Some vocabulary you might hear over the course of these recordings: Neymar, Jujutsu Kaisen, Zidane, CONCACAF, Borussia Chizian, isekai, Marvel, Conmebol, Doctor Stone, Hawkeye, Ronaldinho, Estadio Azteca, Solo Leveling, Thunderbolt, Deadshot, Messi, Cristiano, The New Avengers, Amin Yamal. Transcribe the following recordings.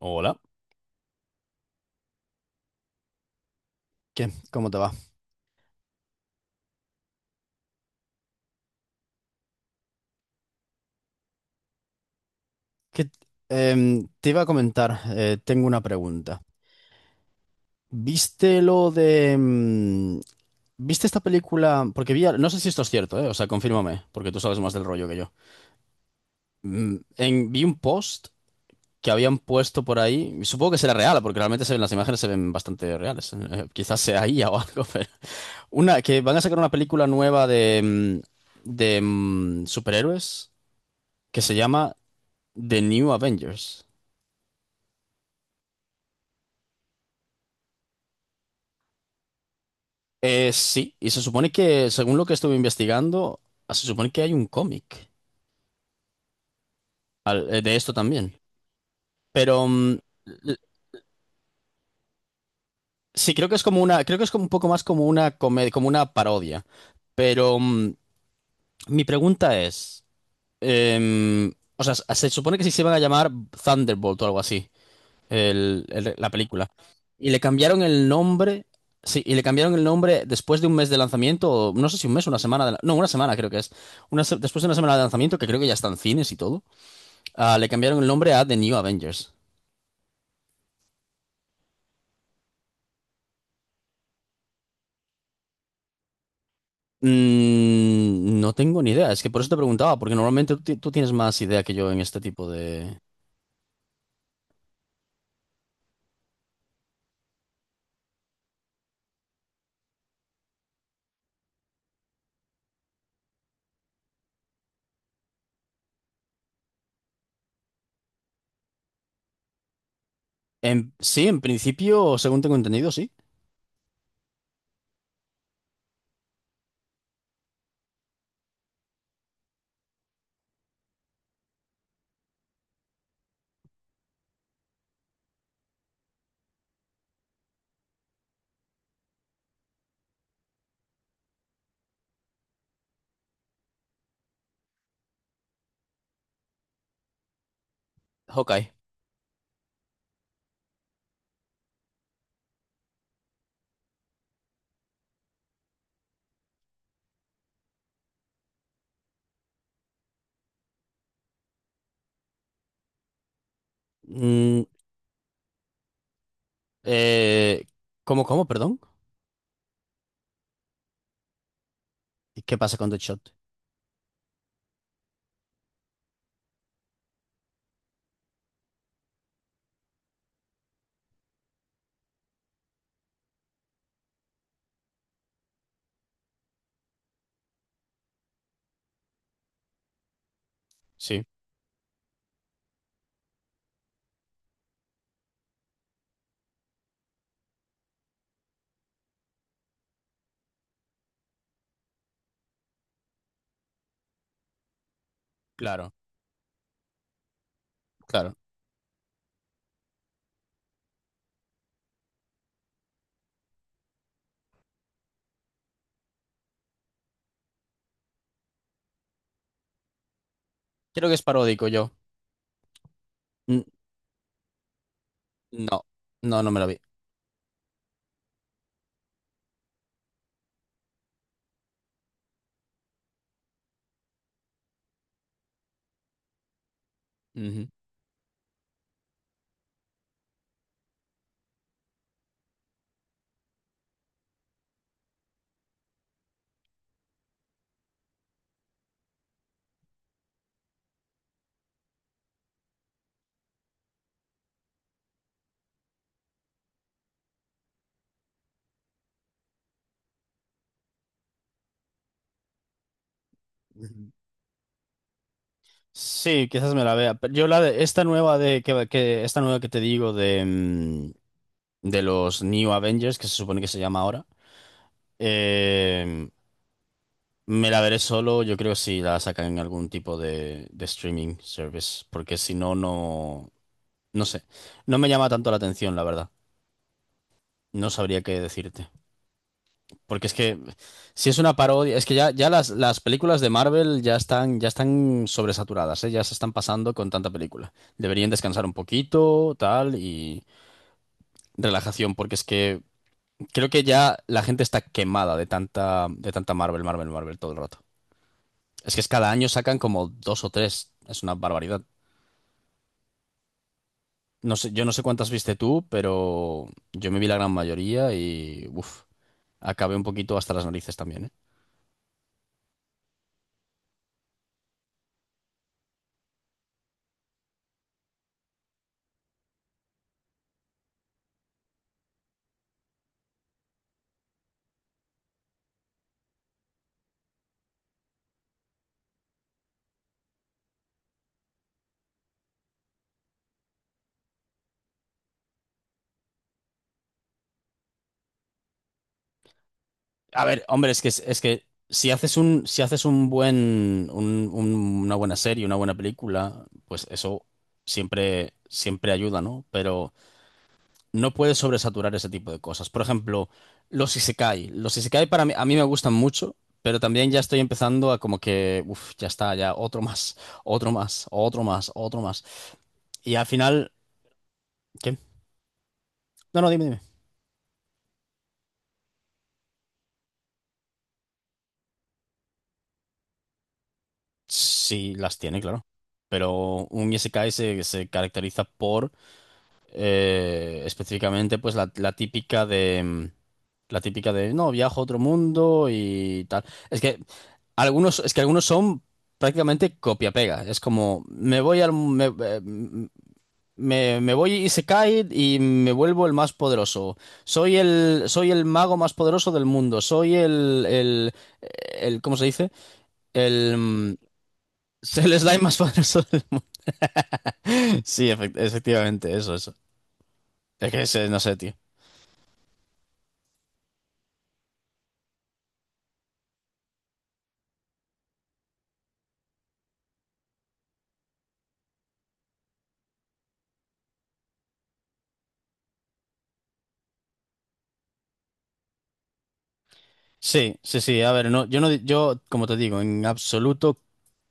Hola. ¿Qué? ¿Cómo te va? ¿Qué- Te iba a comentar, tengo una pregunta. ¿Viste lo de... mm, ¿Viste esta película? Porque vi, no sé si esto es cierto, ¿eh? O sea, confírmame, porque tú sabes más del rollo que yo. Vi un post que habían puesto por ahí, y supongo que será real, porque realmente se ven, las imágenes se ven bastante reales. Quizás sea IA o algo, pero... Una, que van a sacar una película nueva de superhéroes que se llama The New Avengers. Sí, y se supone que, según lo que estuve investigando, se supone que hay un cómic de esto también. Pero mm, l- sí, creo que es como una, creo que es como un poco más como una comedia, como una parodia. Pero mm, mi pregunta es, o sea, se supone que sí se van a llamar Thunderbolt o algo así. La película. Y le cambiaron el nombre, sí, y le cambiaron el nombre después de un mes de lanzamiento, o no sé si un mes, una semana, no, una semana creo que es. Después de una semana de lanzamiento, que creo que ya está en cines y todo, le cambiaron el nombre a The New Avengers. Mm, no tengo ni idea, es que por eso te preguntaba, porque normalmente tú tienes más idea que yo en este tipo de... En, sí, en principio, según tengo entendido, sí. Hawkeye. Mm, eh, ¿Cómo, cómo, perdón? ¿Y qué pasa con Deadshot? Sí, claro, claro. Creo que es paródico yo. N- No, no, no me la vi. Ujú. Ujú. Sí, quizás me la vea, pero yo la de esta nueva de esta nueva que te digo de de los New Avengers, que se supone que se llama ahora, eh, me la veré solo, yo creo, si la sacan en algún tipo de streaming service, porque si no, no, no sé. No me llama tanto la atención, la verdad. No sabría qué decirte. Porque es que si es una parodia, es que ya, ya las películas de Marvel ya están sobresaturadas, ¿eh? Ya se están pasando con tanta película. Deberían descansar un poquito, tal, y relajación, porque es que creo que ya la gente está quemada de tanta Marvel, Marvel, Marvel todo el rato. Es que es cada año sacan como dos o tres, es una barbaridad. No sé, yo no sé cuántas viste tú, pero yo me vi la gran mayoría y, uff, acabé un poquito hasta las narices también, ¿eh? A ver, hombre, es que si haces un, si haces un buen, una buena serie, una buena película, pues eso siempre, siempre ayuda, ¿no? Pero no puedes sobresaturar ese tipo de cosas. Por ejemplo, los isekai. Los isekai para mí, a mí me gustan mucho, pero también ya estoy empezando a como que, uff, ya está, ya otro más, otro más, otro más, otro más. Y al final, ¿qué? No, no, dime, dime. Sí, las tiene, claro. Pero un isekai se caracteriza por específicamente pues la, la típica de no, viajo a otro mundo y tal. Es que algunos, es que algunos son prácticamente copia-pega. Es como me voy y se cae y me vuelvo el más poderoso. Soy el mago más poderoso del mundo. Soy el ¿Cómo se dice? El mm, el slime más poderoso del mundo. Sí, efectivamente, eso, eso. Es que ese, no sé, tío. Sí, sí, sí. A ver, no, yo no, yo, como te digo, en absoluto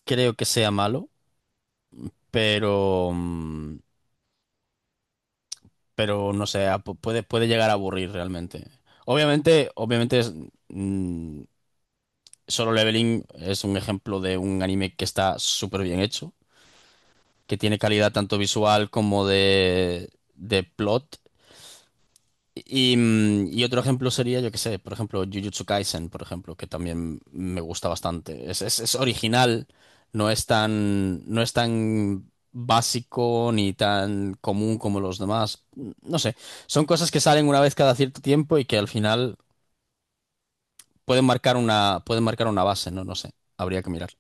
creo que sea malo, pero, pero no sé, puede, puede llegar a aburrir realmente. Obviamente, obviamente es, mm, Solo Leveling es un ejemplo de un anime que está súper bien hecho, que tiene calidad tanto visual como de plot. Y, y otro ejemplo sería, yo qué sé, por ejemplo, Jujutsu Kaisen, por ejemplo, que también me gusta bastante. Es, es original, no es tan, no es tan básico ni tan común como los demás. No sé, son cosas que salen una vez cada cierto tiempo y que al final pueden marcar una base, ¿no? No sé, habría que mirar.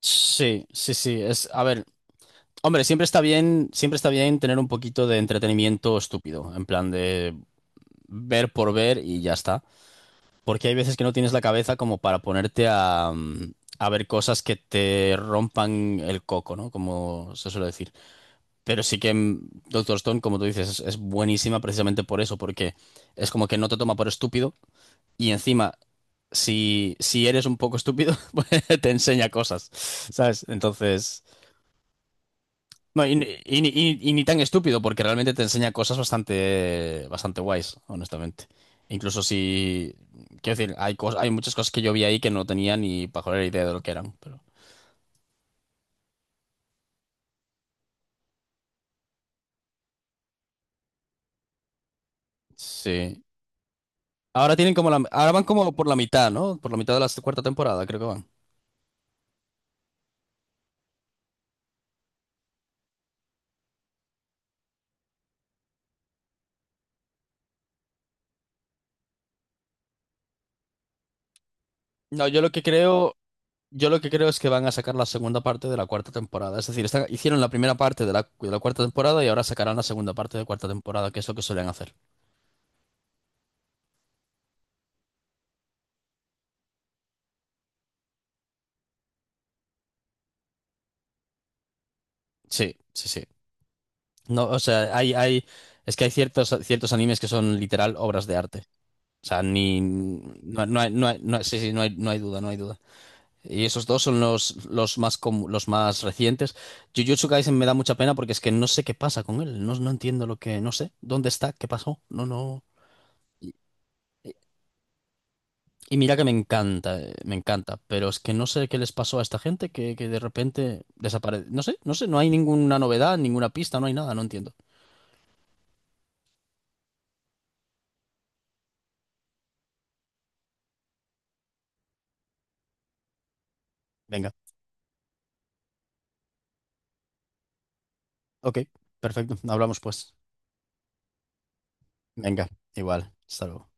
Sí, sí, sí. Es, a ver, hombre, siempre está bien tener un poquito de entretenimiento estúpido, en plan de ver por ver y ya está. Porque hay veces que no tienes la cabeza como para ponerte a, a ver cosas que te rompan el coco, ¿no? Como se suele decir. Pero sí que mm, Doctor Stone, como tú dices, es buenísima precisamente por eso, porque es como que no te toma por estúpido y encima, si, si eres un poco estúpido, pues te enseña cosas, ¿sabes? Entonces... No, y ni tan estúpido, porque realmente te enseña cosas bastante, bastante guays, honestamente. Incluso si, quiero decir, hay hay muchas cosas que yo vi ahí que no tenía ni pajolera idea de lo que eran, pero sí. Ahora tienen como la, ahora van como por la mitad, ¿no? Por la mitad de la cuarta temporada, creo que van. No, yo lo que creo, yo lo que creo es que van a sacar la segunda parte de la cuarta temporada. Es decir, hicieron la primera parte de la cuarta temporada y ahora sacarán la segunda parte de la cuarta temporada, que es lo que suelen hacer. Sí, sí, sí. No, o sea, hay, es que hay ciertos, ciertos animes que son literal obras de arte. O sea, ni, no, no hay, sí, sí, no hay, no hay duda, no hay duda. Y esos dos son los, los más recientes. Jujutsu Kaisen me da mucha pena porque es que no sé qué pasa con él. No, no entiendo lo que, no sé, dónde está, qué pasó. No, no. Y, y mira que me encanta, pero es que no sé qué les pasó a esta gente que de repente desaparece. No sé, no sé, no hay ninguna novedad, ninguna pista, no hay nada, no entiendo. Venga, ok, perfecto, hablamos pues. Venga, igual. Hasta luego.